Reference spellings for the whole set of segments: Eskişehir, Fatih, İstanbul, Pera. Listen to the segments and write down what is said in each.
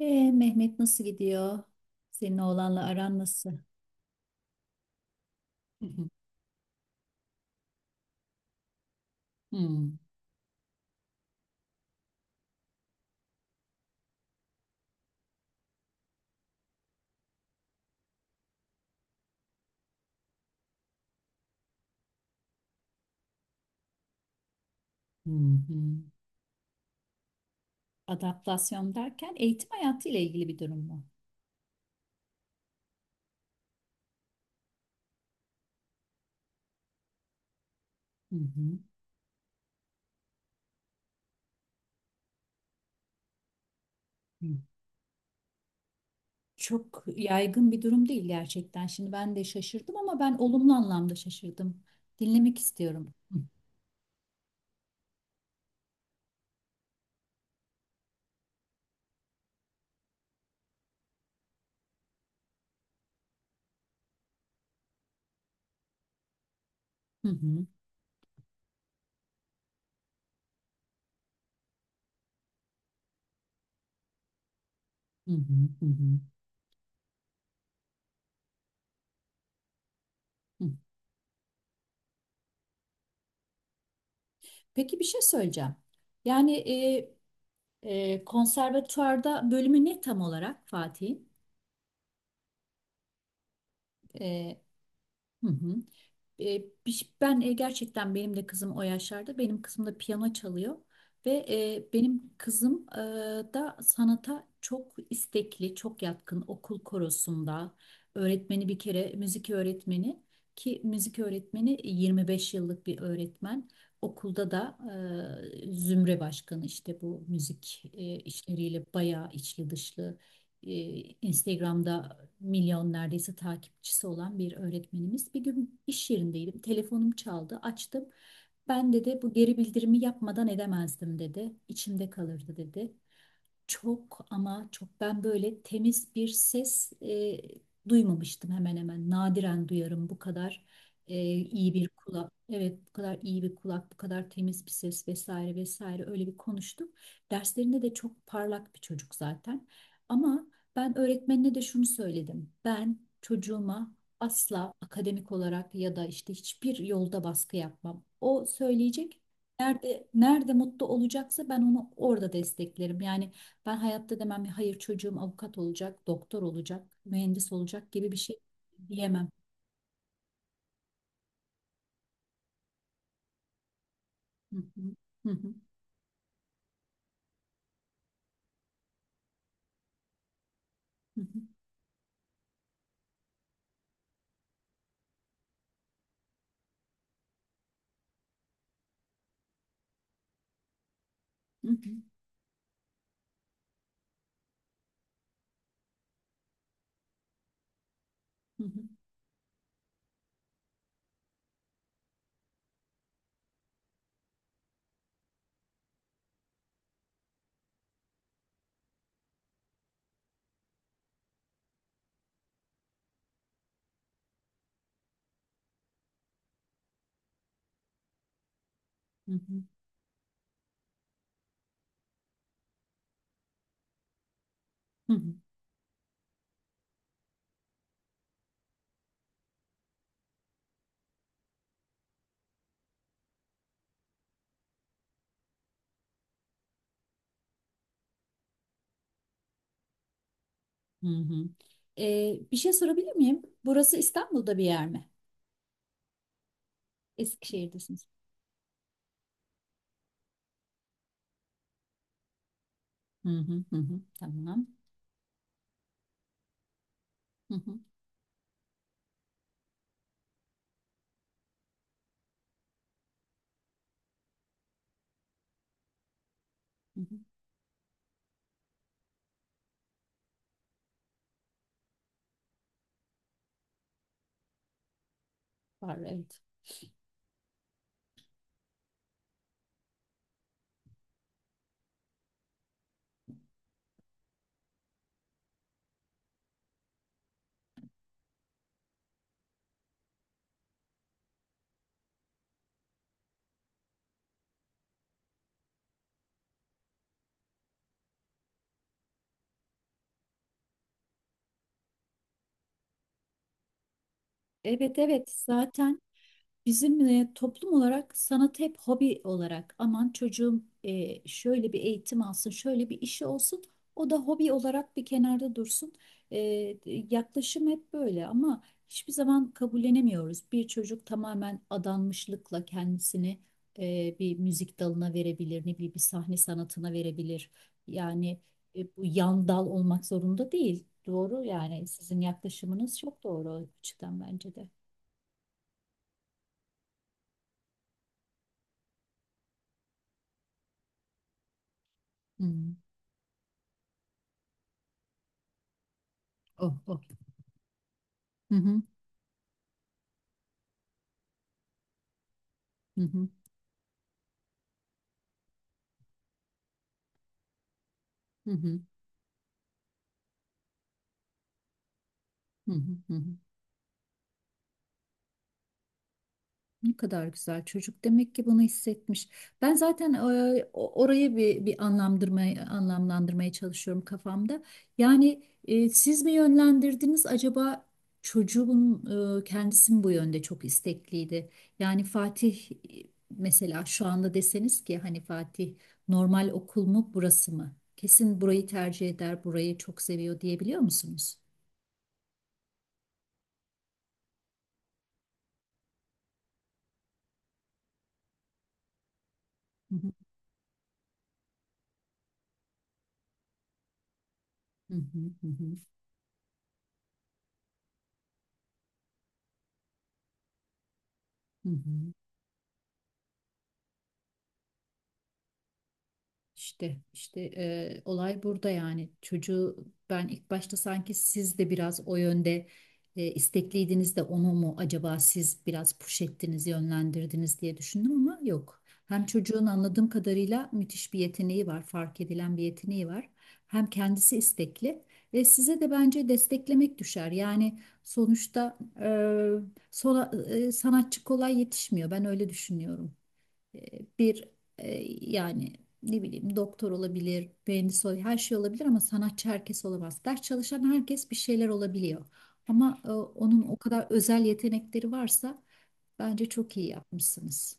Mehmet nasıl gidiyor? Senin oğlanla aran nasıl? Hı hı. Hmm, hı hı. Adaptasyon derken eğitim hayatı ile ilgili bir durum mu? Hı hı. Hı. Çok yaygın bir durum değil gerçekten. Şimdi ben de şaşırdım ama ben olumlu anlamda şaşırdım. Dinlemek istiyorum. Hı. Hı hı. Hı hı. Hı hı. Hı. Peki bir şey söyleyeceğim. Yani konservatuvarda bölümü ne tam olarak Fatih'in? E, hı hı. E, Ben gerçekten benim de kızım o yaşlarda. Benim kızım da piyano çalıyor ve benim kızım da sanata çok istekli, çok yatkın. Okul korosunda öğretmeni bir kere müzik öğretmeni, ki müzik öğretmeni 25 yıllık bir öğretmen. Okulda da zümre başkanı, işte bu müzik işleriyle bayağı içli dışlı, e, Instagram'da milyon neredeyse takipçisi olan bir öğretmenimiz. Bir gün iş yerindeydim. Telefonum çaldı. Açtım. Ben dedi, bu geri bildirimi yapmadan edemezdim dedi. İçimde kalırdı dedi. Çok ama çok, ben böyle temiz bir ses duymamıştım hemen hemen. Nadiren duyarım bu kadar iyi bir kulak. Evet, bu kadar iyi bir kulak, bu kadar temiz bir ses, vesaire vesaire, öyle bir konuştuk. Derslerinde de çok parlak bir çocuk zaten. Ama ben öğretmenine de şunu söyledim. Ben çocuğuma asla akademik olarak ya da işte hiçbir yolda baskı yapmam. O söyleyecek. Nerede, nerede mutlu olacaksa ben onu orada desteklerim. Yani ben hayatta demem ya, hayır çocuğum avukat olacak, doktor olacak, mühendis olacak gibi bir şey diyemem. Hı hı, hı hı, hı hı, hı hı, hı hı, hı hı, hı hı. Bir şey sorabilir miyim? Burası İstanbul'da bir yer mi? Eskişehir'desiniz. Hı hı, hı hı, tamam. Hı hı, hı hı. Var, evet. Evet evet, zaten bizim toplum olarak sanatı hep hobi olarak, aman çocuğum şöyle bir eğitim alsın, şöyle bir işi olsun, o da hobi olarak bir kenarda dursun. E, yaklaşım hep böyle ama hiçbir zaman kabullenemiyoruz. Bir çocuk tamamen adanmışlıkla kendisini bir müzik dalına verebilir, ne bileyim bir sahne sanatına verebilir. Yani bu yan dal olmak zorunda değil. Doğru, yani sizin yaklaşımınız çok doğru o açıdan bence de. Hmm. Oh, oh. Hı hı, hı hı, hı hı, hı hı, hı hı. Ne kadar güzel çocuk, demek ki bunu hissetmiş. Ben zaten orayı bir anlamlandırmaya anlamlandırmaya çalışıyorum kafamda. Yani siz mi yönlendirdiniz acaba, çocuğun kendisi mi bu yönde çok istekliydi? Yani Fatih mesela şu anda deseniz ki hani Fatih normal okul mu, burası mı? Kesin burayı tercih eder, burayı çok seviyor diyebiliyor musunuz? Hı hı, hı hı, hı hı. Hı hı. İşte işte olay burada, yani çocuğu ben ilk başta sanki siz de biraz o yönde istekliydiniz de onu mu acaba siz biraz push ettiniz, yönlendirdiniz diye düşündüm ama yok. Hem çocuğun anladığım kadarıyla müthiş bir yeteneği var, fark edilen bir yeteneği var, hem kendisi istekli ve size de bence desteklemek düşer, yani sonuçta sanatçı kolay yetişmiyor, ben öyle düşünüyorum. E, bir e, yani ne bileyim, doktor olabilir, mühendis olabilir, her şey olabilir ama sanatçı herkes olamaz. Ders çalışan herkes bir şeyler olabiliyor. Ama onun o kadar özel yetenekleri varsa bence çok iyi yapmışsınız.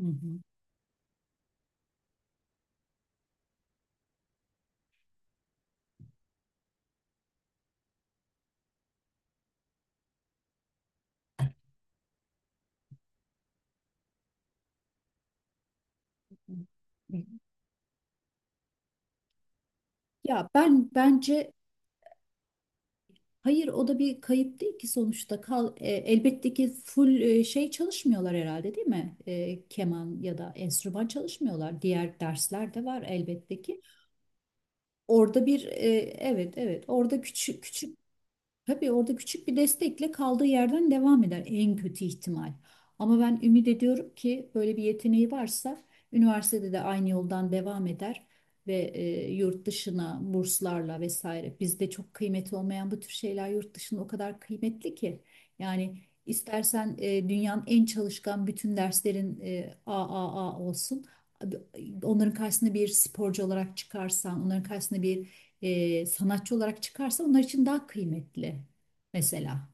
Hı hı. Hı. Ya ben bence hayır, o da bir kayıp değil ki sonuçta, elbette ki şey çalışmıyorlar herhalde değil mi? Keman ya da enstrüman çalışmıyorlar. Diğer dersler de var elbette ki. Orada bir evet evet, orada küçük küçük, tabii orada küçük bir destekle kaldığı yerden devam eder en kötü ihtimal. Ama ben ümit ediyorum ki böyle bir yeteneği varsa üniversitede de aynı yoldan devam eder ve yurt dışına burslarla vesaire, bizde çok kıymeti olmayan bu tür şeyler yurt dışında o kadar kıymetli ki, yani istersen dünyanın en çalışkan bütün derslerin A A A olsun, onların karşısında bir sporcu olarak çıkarsan, onların karşısında bir sanatçı olarak çıkarsa onlar için daha kıymetli mesela.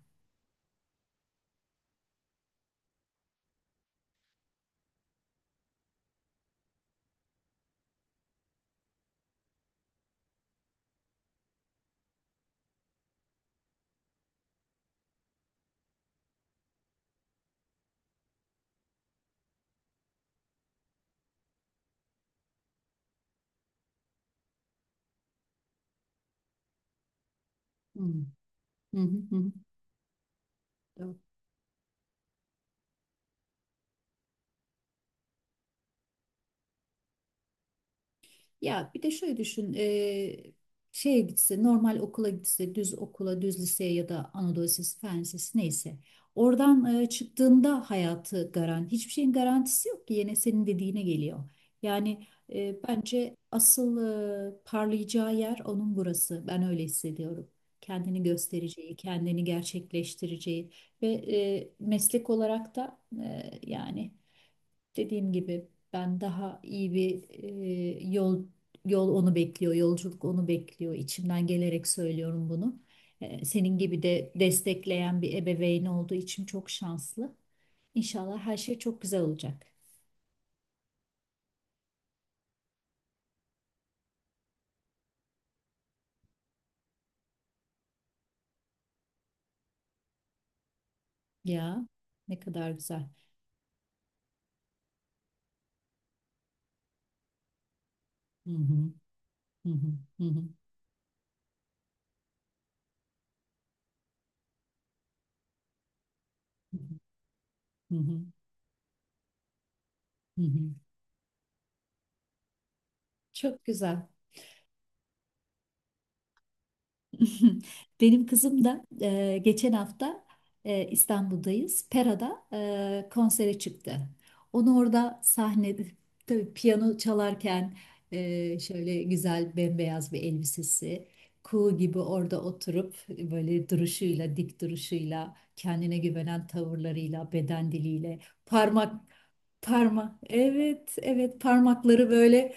Hmm. Hı hı hı. Ya bir de şöyle düşün, şeye gitse, normal okula gitse, düz okula, düz liseye ya da Anadolu Lisesi, Fen Lisesi neyse. Oradan çıktığında hayatı garanti, hiçbir şeyin garantisi yok ki, yine senin dediğine geliyor. Yani bence asıl parlayacağı yer onun burası. Ben öyle hissediyorum. Kendini göstereceği, kendini gerçekleştireceği ve meslek olarak da yani dediğim gibi ben daha iyi bir e, yol yol onu bekliyor, yolculuk onu bekliyor. İçimden gelerek söylüyorum bunu. Senin gibi de destekleyen bir ebeveyn olduğu için çok şanslı. İnşallah her şey çok güzel olacak. Ya ne kadar güzel. Hı hı, hı hı, hı hı, hı hı, hı hı, hı hı. Çok güzel. Benim kızım da geçen hafta İstanbul'dayız. Pera'da konsere çıktı. Onu orada sahnede, tabii piyano çalarken, şöyle güzel bembeyaz bir elbisesi, kuğu gibi orada oturup böyle duruşuyla, dik duruşuyla, kendine güvenen tavırlarıyla, beden diliyle, parmak parma evet evet parmakları böyle,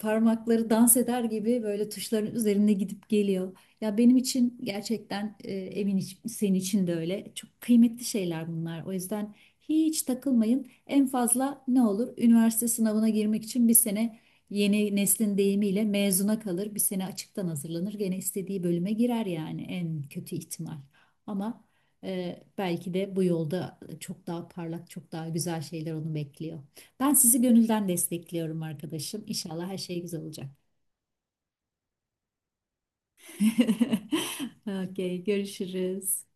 parmakları dans eder gibi böyle tuşların üzerinde gidip geliyor. Ya benim için gerçekten senin için de öyle. Çok kıymetli şeyler bunlar. O yüzden hiç takılmayın. En fazla ne olur? Üniversite sınavına girmek için bir sene, yeni neslin deyimiyle, mezuna kalır. Bir sene açıktan hazırlanır. Gene istediği bölüme girer yani, en kötü ihtimal. Ama belki de bu yolda çok daha parlak, çok daha güzel şeyler onu bekliyor. Ben sizi gönülden destekliyorum arkadaşım. İnşallah her şey güzel olacak. Okey, görüşürüz.